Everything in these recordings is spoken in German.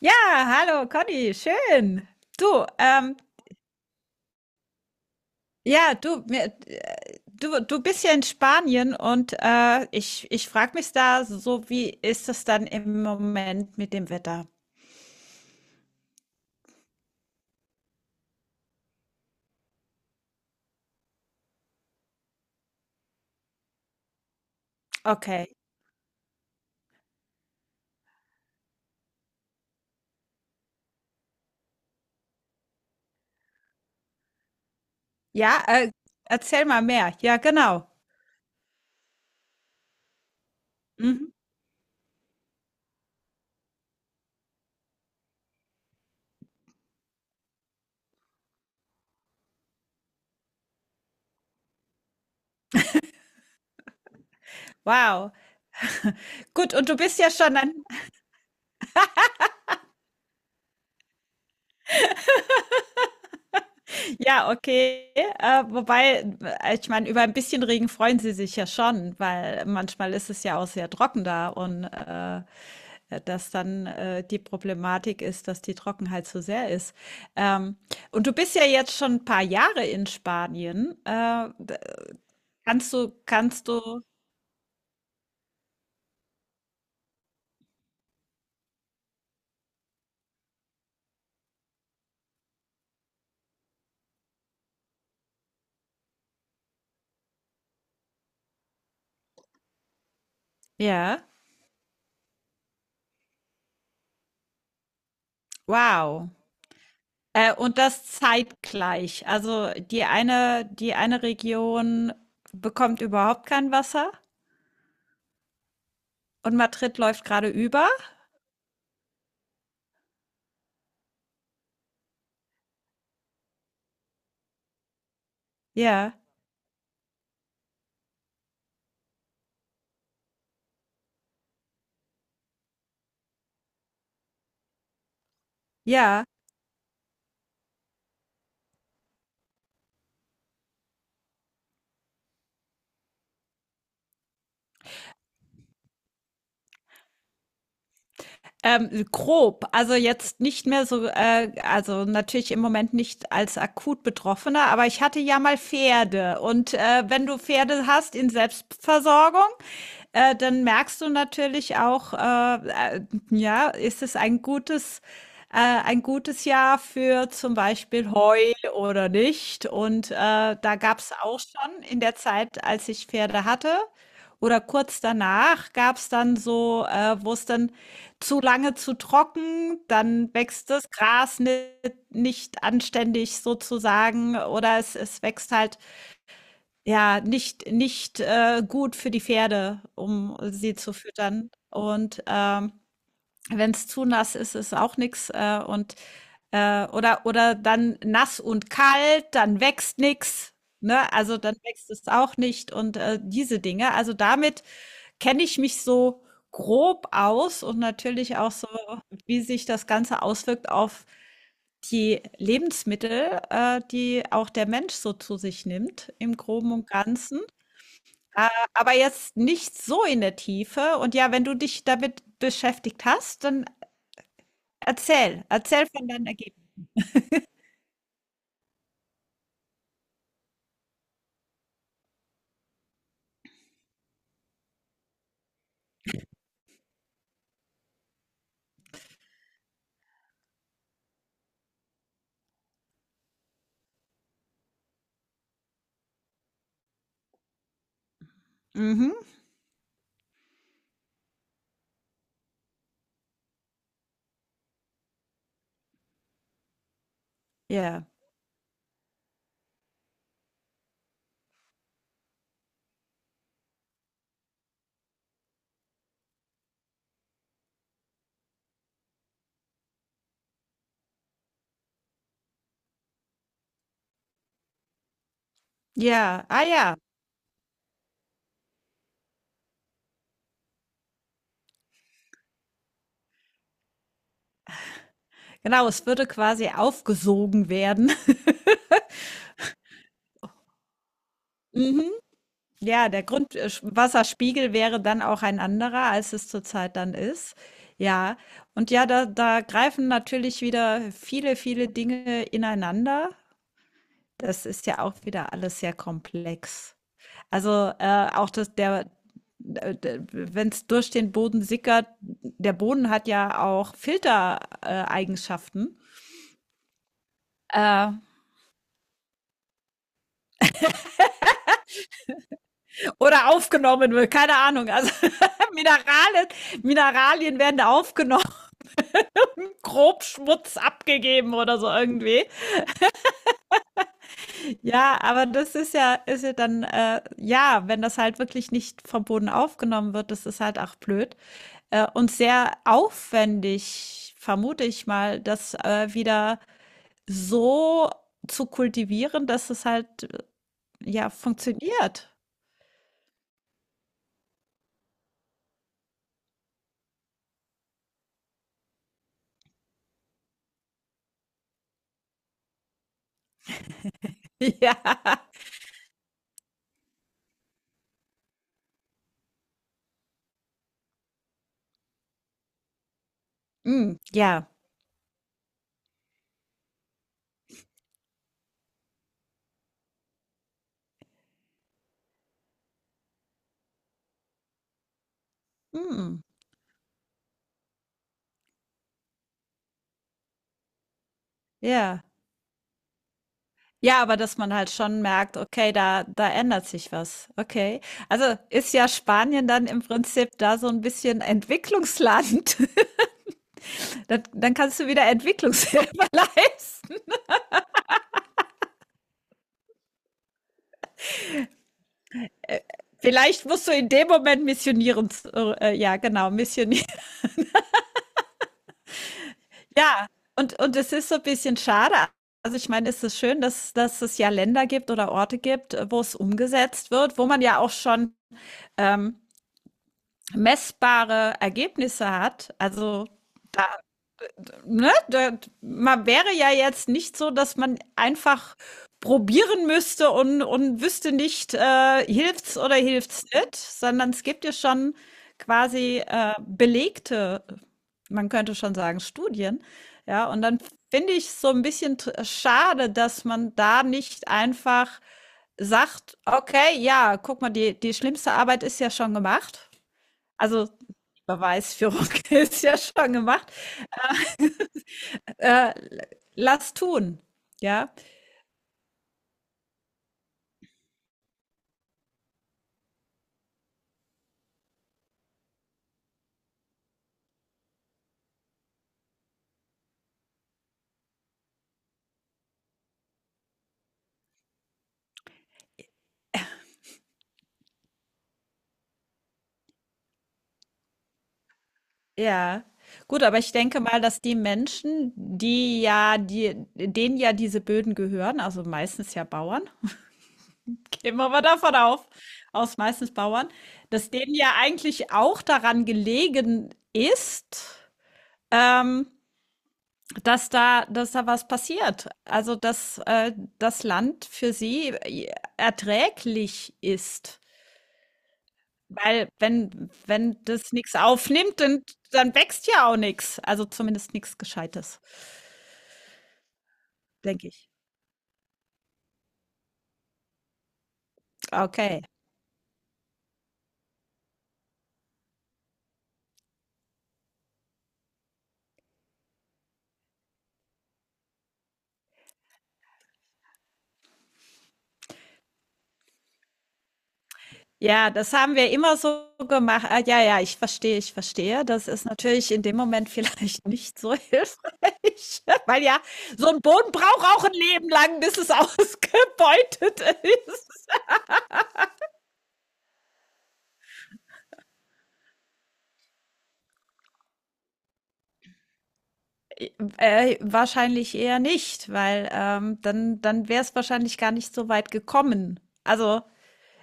Ja, hallo Conny, schön. Du, ja, du, mir, du, du bist ja in Spanien und ich frage mich da so, wie ist es dann im Moment mit dem Wetter? Okay. Ja, erzähl mal mehr. Ja, genau. Mhm. Wow. Gut, und du bist ja schon an. Ja, okay. Wobei, ich meine, über ein bisschen Regen freuen sie sich ja schon, weil manchmal ist es ja auch sehr trocken da, und dass dann die Problematik ist, dass die Trockenheit so sehr ist. Ähm, und du bist ja jetzt schon ein paar Jahre in Spanien. Kannst du, kannst du, ja, wow. Und das zeitgleich. Also die eine Region bekommt überhaupt kein Wasser und Madrid läuft gerade über. Ja, ja, grob. Also, jetzt nicht mehr so, also, natürlich im Moment nicht als akut Betroffener, aber ich hatte ja mal Pferde, und wenn du Pferde hast in Selbstversorgung, dann merkst du natürlich auch, äh, ja, ist es ein ein gutes Jahr für zum Beispiel Heu oder nicht. Und da gab es auch schon in der Zeit, als ich Pferde hatte. Oder kurz danach gab es dann so, wo es dann zu lange zu trocken, dann wächst das Gras nicht, nicht anständig sozusagen, oder es wächst halt ja, nicht gut für die Pferde, um sie zu füttern. Und, wenn es zu nass ist, ist auch nichts, oder dann nass und kalt, dann wächst nichts, ne? Also, dann wächst es auch nicht, und, diese Dinge. Also, damit kenne ich mich so grob aus, und natürlich auch so, wie sich das Ganze auswirkt auf die Lebensmittel, die auch der Mensch so zu sich nimmt im Groben und Ganzen. Äh, aber jetzt nicht so in der Tiefe. Und ja, wenn du dich damit beschäftigt hast, dann erzähl von deinen Ergebnissen. Mhm. Ja. Ja, ah ja, genau, es würde quasi aufgesogen werden. Mhm. Ja, der Grundwasserspiegel wäre dann auch ein anderer, als es zurzeit dann ist. Ja, und ja, da, da greifen natürlich wieder viele Dinge ineinander. Das ist ja auch wieder alles sehr komplex. Also auch das, der, wenn es durch den Boden sickert, der Boden hat ja auch Filtereigenschaften. Äh, oder aufgenommen wird, keine Ahnung. Also Mineralien, Mineralien werden aufgenommen, grob Schmutz abgegeben oder so irgendwie. Ja, aber das ist ja dann, ja, wenn das halt wirklich nicht vom Boden aufgenommen wird, das ist halt auch blöd. Und sehr aufwendig, vermute ich mal, das wieder so zu kultivieren, dass es halt ja funktioniert. Ja. Mm, ja. Mm, ja. Ja, aber dass man halt schon merkt, okay, da ändert sich was. Okay. Also ist ja Spanien dann im Prinzip da so ein bisschen Entwicklungsland. Dann kannst du wieder Entwicklungshilfe leisten. Vielleicht musst du in dem Moment missionieren. Ja genau, missionieren. Ja, und es ist so 'n bisschen schade. Also, ich meine, es ist schön, dass dass es ja Länder gibt oder Orte gibt, wo es umgesetzt wird, wo man ja auch schon, ähm, messbare Ergebnisse hat. Also, ne, da, man wäre ja jetzt nicht so, dass man einfach probieren müsste und wüsste nicht, hilft's oder hilft's nicht, sondern es gibt ja schon quasi belegte, man könnte schon sagen, Studien. Ja, und dann finde ich es so ein bisschen schade, dass man da nicht einfach sagt, okay, ja, guck mal, die, die schlimmste Arbeit ist ja schon gemacht. Also Beweisführung ist ja schon gemacht. Äh, Lass tun. Ja, ja. Gut, aber ich denke mal, dass die Menschen, die ja, die, denen ja diese Böden gehören, also meistens ja Bauern, gehen wir mal davon auf, aus meistens Bauern, dass denen ja eigentlich auch daran gelegen ist, ähm, dass da was passiert. Also, dass das Land für sie erträglich ist. Weil wenn das nichts aufnimmt, dann dann wächst ja auch nichts. Also, zumindest nichts Gescheites, denke ich. Okay. Ja, das haben wir immer so gemacht. Ah, ja, ja, ich verstehe, ich verstehe. Das ist natürlich in dem Moment vielleicht nicht so hilfreich, weil ja, so ein Boden braucht auch ein Leben lang, bis es ausgebeutet ist. Wahrscheinlich eher nicht, weil, dann wäre es wahrscheinlich gar nicht so weit gekommen. Also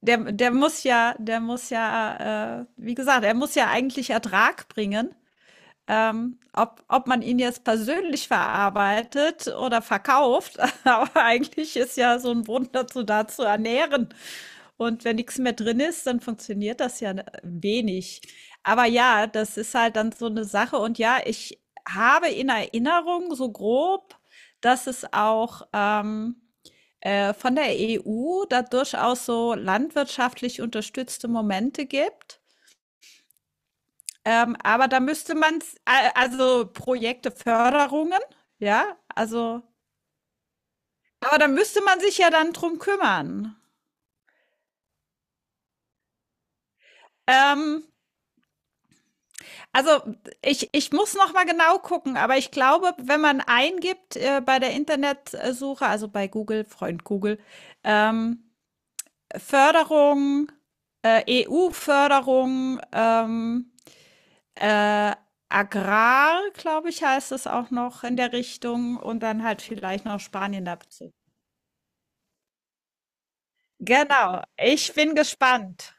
der muss ja, wie gesagt, er muss ja eigentlich Ertrag bringen. Ob man ihn jetzt persönlich verarbeitet oder verkauft, aber eigentlich ist ja so ein Boden dazu da zu ernähren. Und wenn nichts mehr drin ist, dann funktioniert das ja, ne, wenig. Aber ja, das ist halt dann so eine Sache. Und ja, ich habe in Erinnerung so grob, dass es auch von der EU da durchaus so landwirtschaftlich unterstützte Momente gibt. Aber da müsste man, also Projekte, Förderungen, ja, also, aber da müsste man sich ja dann drum kümmern. Ähm, also ich muss noch mal genau gucken, aber ich glaube, wenn man eingibt bei der Internetsuche, also bei Google, Freund Google, ähm, Förderung, EU-Förderung, Äh, Agrar, glaube ich, heißt es auch noch in der Richtung, und dann halt vielleicht noch Spanien dazu. Genau, ich bin gespannt.